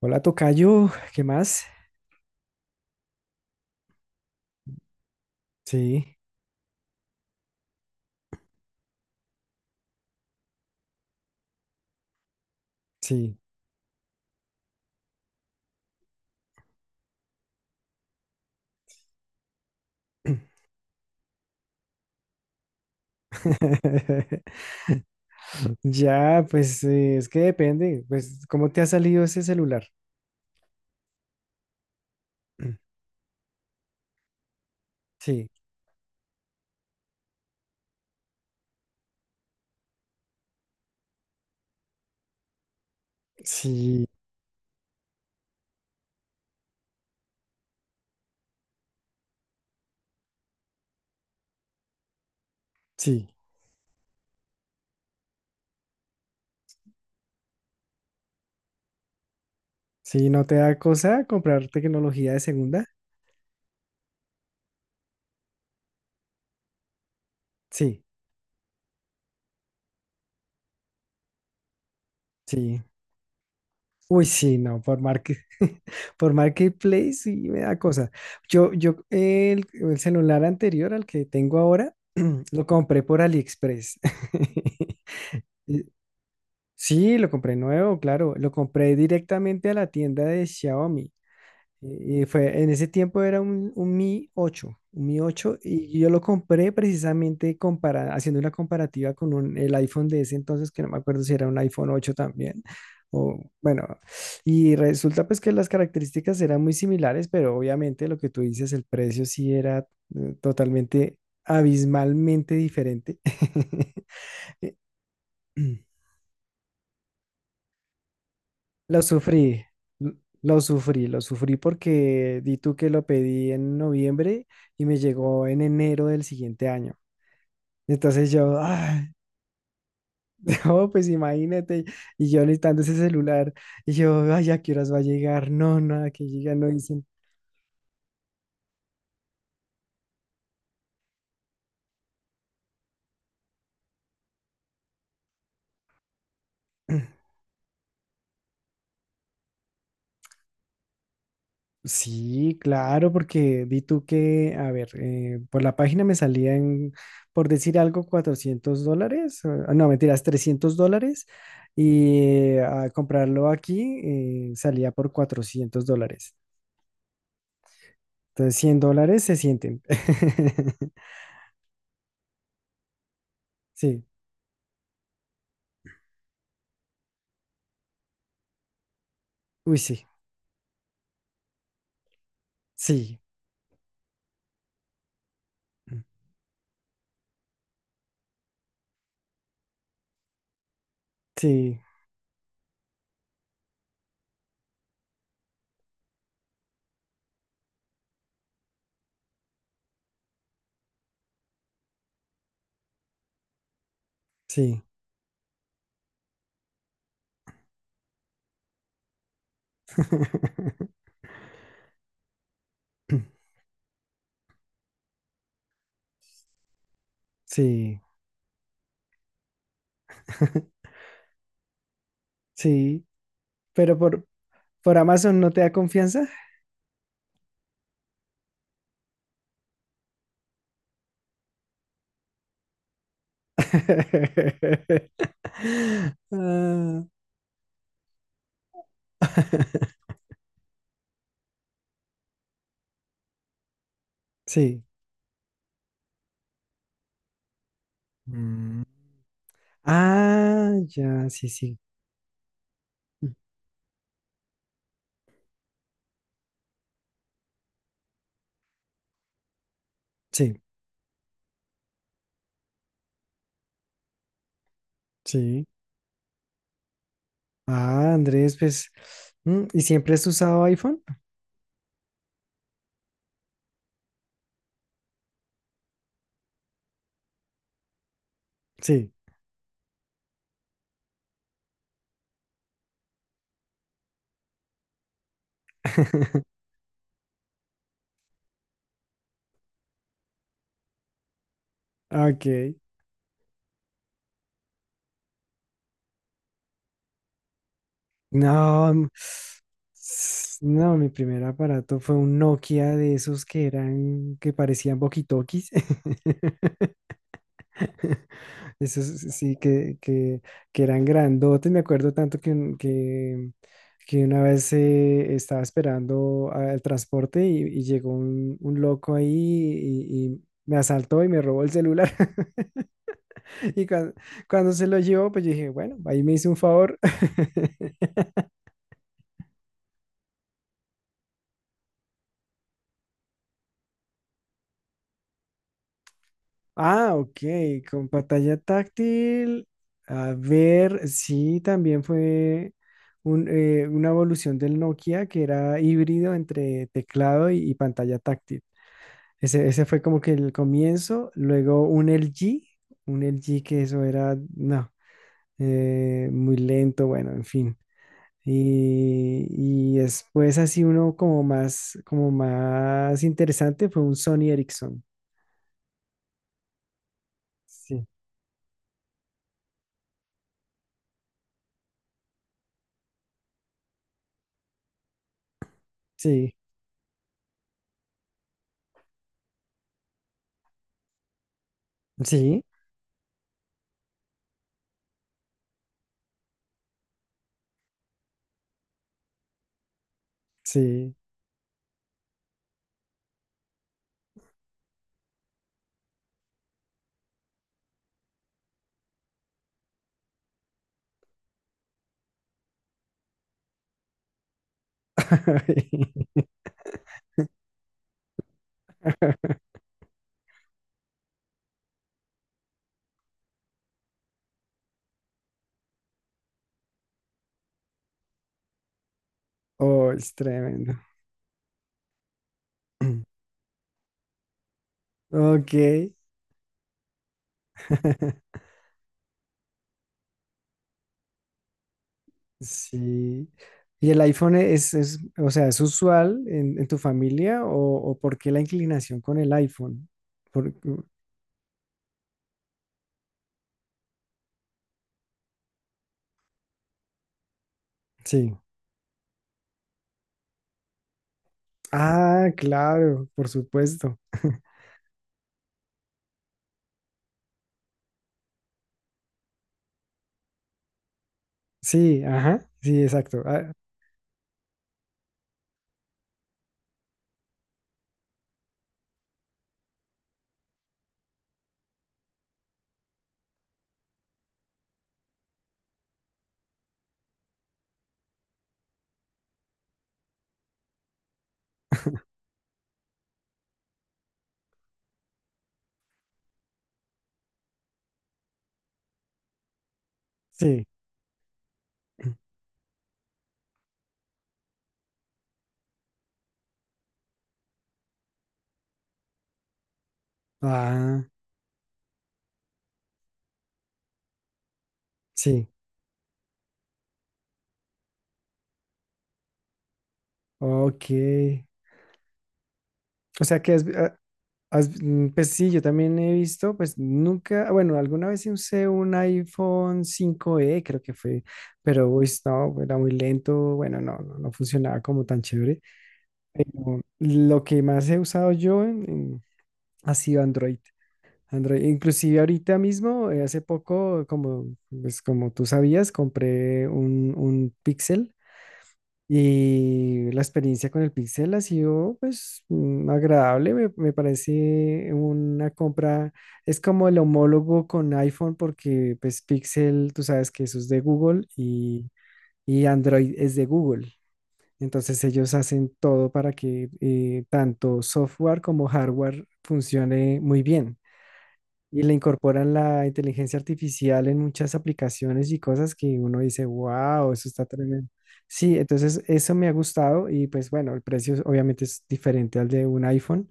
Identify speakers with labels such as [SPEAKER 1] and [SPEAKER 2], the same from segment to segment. [SPEAKER 1] Hola, tocayo, ¿qué más? Sí, sí. Ya, pues es que depende, pues ¿cómo te ha salido ese celular? Sí, sí, sí, sí, ¿no te da cosa comprar tecnología de segunda? Sí, sí. Uy, sí, no, por market, por Marketplace sí me da cosa. Yo, el celular anterior al que tengo ahora, lo compré por AliExpress. Sí, lo compré nuevo, claro. Lo compré directamente a la tienda de Xiaomi. Y fue, en ese tiempo era un Mi ocho, un Mi ocho y yo lo compré precisamente haciendo una comparativa con un, el iPhone de ese entonces, que no me acuerdo si era un iPhone 8 también, o bueno, y resulta pues que las características eran muy similares, pero obviamente lo que tú dices, el precio sí era totalmente, abismalmente diferente. Lo sufrí, l- lo sufrí, lo sufrí porque di tú que lo pedí en noviembre y me llegó en enero del siguiente año. Entonces yo, ay, no, pues imagínate, y yo necesitando ese celular, y yo, ay, ¿a qué horas va a llegar? No, nada, que llega, no dicen. Sí, claro, porque vi tú que, a ver, por la página me salían, por decir algo, $400, ah, no, mentiras, $300, y a comprarlo aquí salía por $400. Entonces, $100 se sienten. Sí, uy, sí, sí, sí, sí, sí, sí, pero por Amazon no te da confianza. Ah, sí. Mm. Ah, ya, sí, sí. Mm, sí, sí. Ah, Andrés, pues, mm, ¿y siempre has usado iPhone? Sí. Ok. No, mm, no, mi primer aparato fue un Nokia de esos que eran, que parecían walkie-talkies. Esos sí sí, que eran grandotes. Me acuerdo tanto que, que una vez estaba esperando al transporte y llegó un loco ahí y me asaltó y me robó el celular. Y cuando, se lo llevó, pues yo dije, bueno, ahí me hizo un favor. Ah, ok, con pantalla táctil. A ver, sí, también fue un, una evolución del Nokia que era híbrido entre teclado y pantalla táctil. Ese fue como que el comienzo, luego un LG, un LG que eso era, no, muy lento, bueno, en fin. Y, y después así uno como más interesante fue un Sony Ericsson. Sí, sí, sí, sí. Oh, es tremendo. Ok. Sí. ¿Y el iPhone o sea, es usual en tu familia o por qué la inclinación con el iPhone? Por- sí. Ah, claro, por supuesto. Sí, ajá, sí, exacto. Ah, sí. Ah, sí. Ok. O sea que es, ah, mm, pues sí, yo también he visto, pues nunca, bueno, alguna vez sí usé un iPhone cinco e creo que fue, pero uy, no, era muy lento, bueno, no, no, no funcionaba como tan chévere. Lo que más he usado yo ha sido Android. Android, inclusive ahorita mismo, hace poco, como, pues como tú sabías, compré un Pixel y la experiencia con el Pixel ha sido pues mm, agradable, me parece una compra, es como el homólogo con iPhone porque pues Pixel, tú sabes que eso es de Google y Android es de Google. Entonces ellos hacen todo para que tanto software como hardware funcione muy bien. Y le incorporan la inteligencia artificial en muchas aplicaciones y cosas que uno dice, wow, eso está tremendo. Sí, entonces eso me ha gustado y pues bueno, el precio obviamente es diferente al de un iPhone.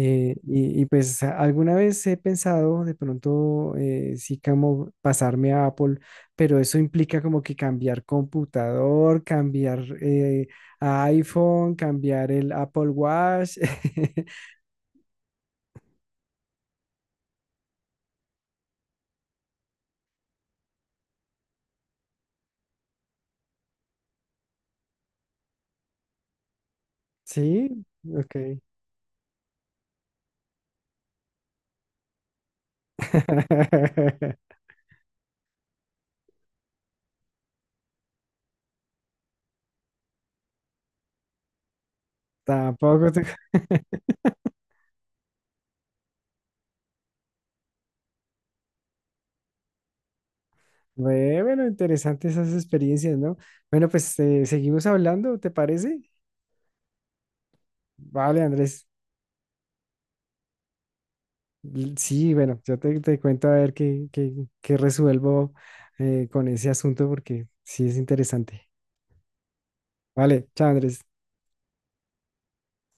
[SPEAKER 1] Y, pues alguna vez he pensado de pronto sí como pasarme a Apple, pero eso implica como que cambiar computador, cambiar a iPhone, cambiar el Apple Watch. Sí, ok. Tampoco te... Ve, bueno, interesantes esas experiencias, ¿no? Bueno, pues seguimos hablando, ¿te parece? Vale, Andrés. Sí, bueno, yo te, te cuento a ver qué, qué, qué resuelvo con ese asunto porque sí es interesante. Vale, chao, Andrés.